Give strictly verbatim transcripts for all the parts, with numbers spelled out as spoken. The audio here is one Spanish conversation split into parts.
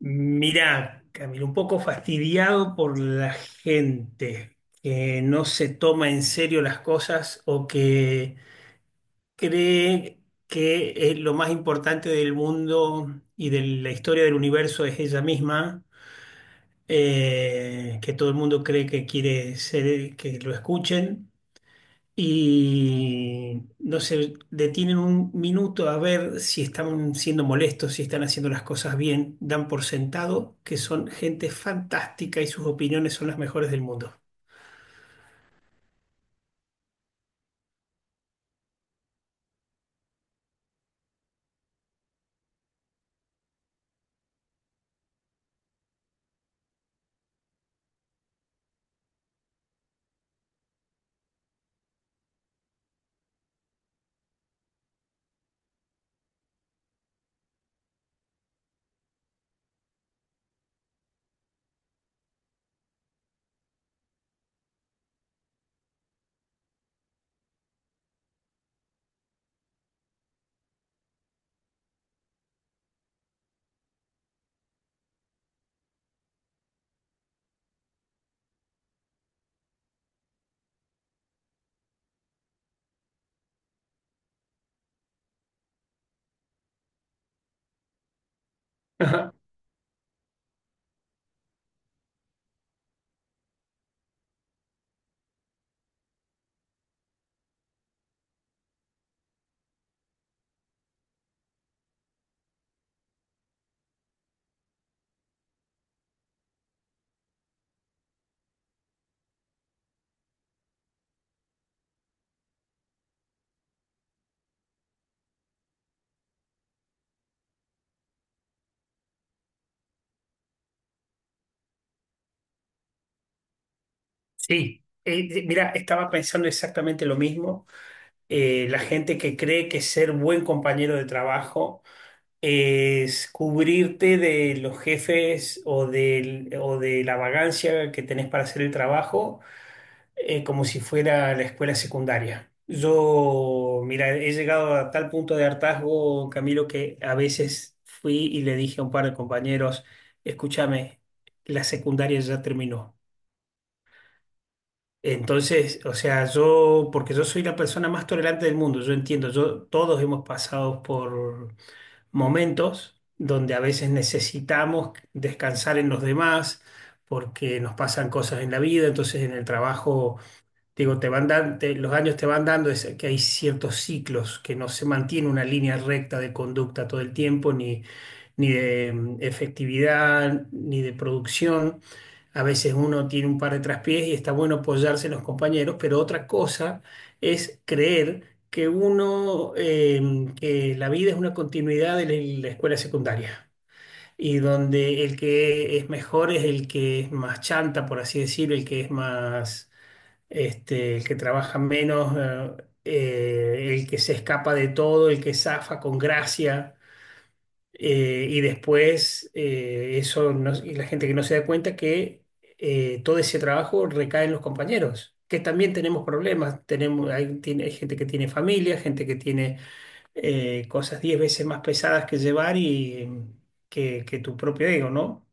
Mirá, Camilo, un poco fastidiado por la gente que no se toma en serio las cosas o que cree que es lo más importante del mundo y de la historia del universo es ella misma, eh, que todo el mundo cree que quiere ser, que lo escuchen y no se detienen un minuto a ver si están siendo molestos, si están haciendo las cosas bien, dan por sentado que son gente fantástica y sus opiniones son las mejores del mundo. Ajá. Sí, eh, eh, mira, estaba pensando exactamente lo mismo. Eh, la gente que cree que ser buen compañero de trabajo es cubrirte de los jefes o del- o de la vagancia que tenés para hacer el trabajo eh, como si fuera la escuela secundaria. Yo, mira, he llegado a tal punto de hartazgo, Camilo, que a veces fui y le dije a un par de compañeros, escúchame, la secundaria ya terminó. Entonces, o sea, yo, porque yo soy la persona más tolerante del mundo, yo entiendo, yo, todos hemos pasado por momentos donde a veces necesitamos descansar en los demás porque nos pasan cosas en la vida, entonces en el trabajo. Digo, te van dan- te- los años te van dando, es que hay ciertos ciclos, que no se mantiene una línea recta de conducta todo el tiempo, ni, ni de mm, efectividad, ni de producción. A veces uno tiene un par de traspiés y está bueno apoyarse en los compañeros, pero otra cosa es creer que uno, eh, que la vida es una continuidad de la la escuela secundaria, y donde el que es mejor es el que es más chanta, por así decirlo, el que es más este, el que trabaja menos, eh, eh, el que se escapa de todo, el que zafa con gracia, eh, y después eh, eso no- y la gente que no se da cuenta que eh, todo ese trabajo recae en los compañeros, que también tenemos problemas, tenemos, hay, tiene- hay gente que tiene familia, gente que tiene eh, cosas diez veces más pesadas que llevar y mm, que, que tu propio ego, ¿no?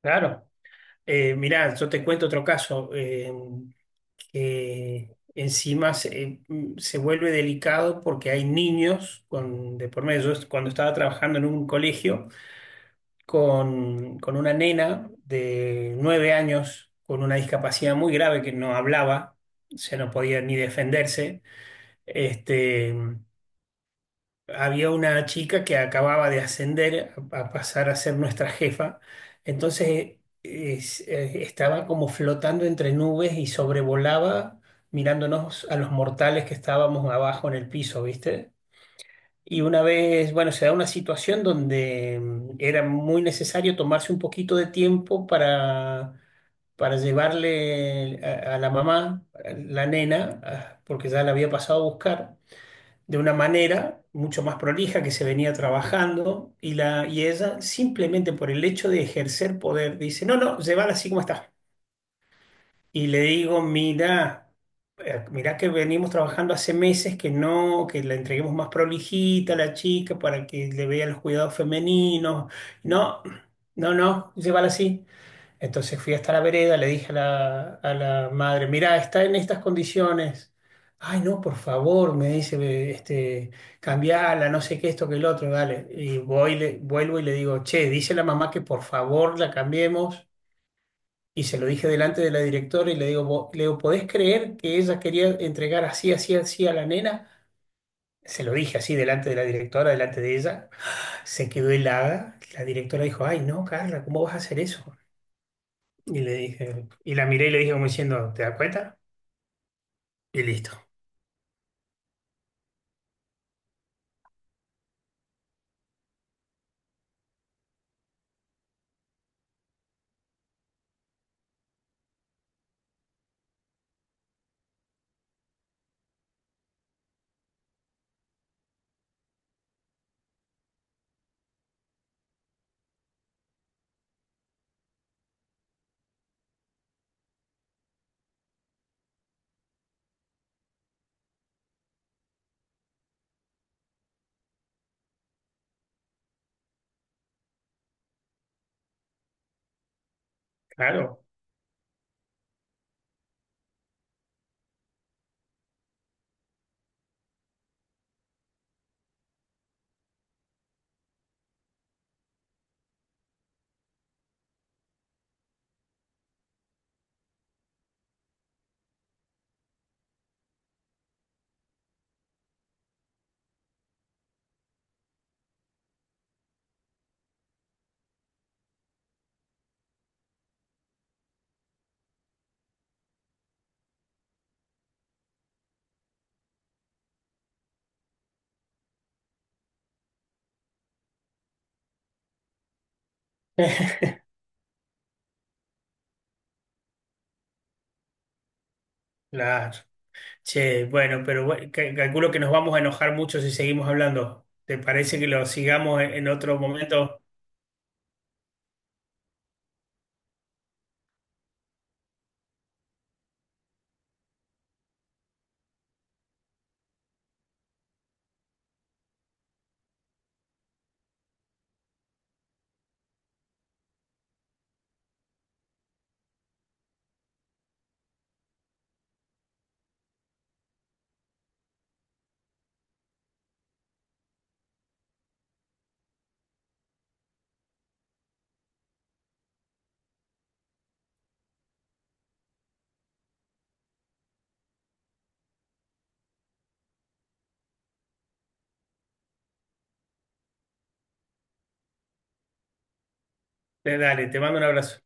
Claro. Eh, mirá, yo te cuento otro caso. Eh, que encima se, eh, mm, se vuelve delicado porque hay niños con, de por medio. Yo cuando estaba trabajando en un colegio con, con una nena de nueve años con una discapacidad muy grave que no hablaba, o sea, no podía ni defenderse, este, había una chica que acababa de ascender a, a pasar a ser nuestra jefa, entonces es- eh, estaba como flotando entre nubes y sobrevolaba mirándonos a los mortales que estábamos abajo en el piso, ¿viste? Y una vez, bueno, se da una situación donde mm, era muy necesario tomarse un poquito de tiempo para para llevarle eh, a, a la mamá, a la nena, a- porque ya la había pasado a buscar de una manera mucho más prolija que se venía trabajando, y, la, y ella simplemente por el hecho de ejercer poder dice, no, no, llévala así como está. Y le digo, mira, eh, mira que venimos trabajando hace meses que no, que la entreguemos más prolijita a la chica para que le vea los cuidados femeninos. No, no, no, llévala así. Entonces fui hasta la vereda, le dije a la, a la madre, mirá, está en estas condiciones. Ay, no, por favor, me dice, "ve, este, cambiala, no sé qué, esto, que el otro, dale." Y voy, le, vuelvo y le digo, che, dice la mamá que por favor la cambiemos. Y se lo dije delante de la directora y le digo, "Vo- le digo, ¿podés creer que ella quería entregar así, así, así a la nena? Se lo dije así delante de la directora, delante de ella. Se quedó helada. La directora dijo, ay, no, Carla, ¿cómo vas a hacer eso? Y le dije, y la miré y le dije como diciendo, ¿te das cuenta? Y listo. Claro. Claro. Che, bueno, pero bueno, ca- calculo que nos vamos a enojar mucho si seguimos hablando. ¿Te parece que lo sigamos en en otro momento? Eh, Dale, te mando un abrazo.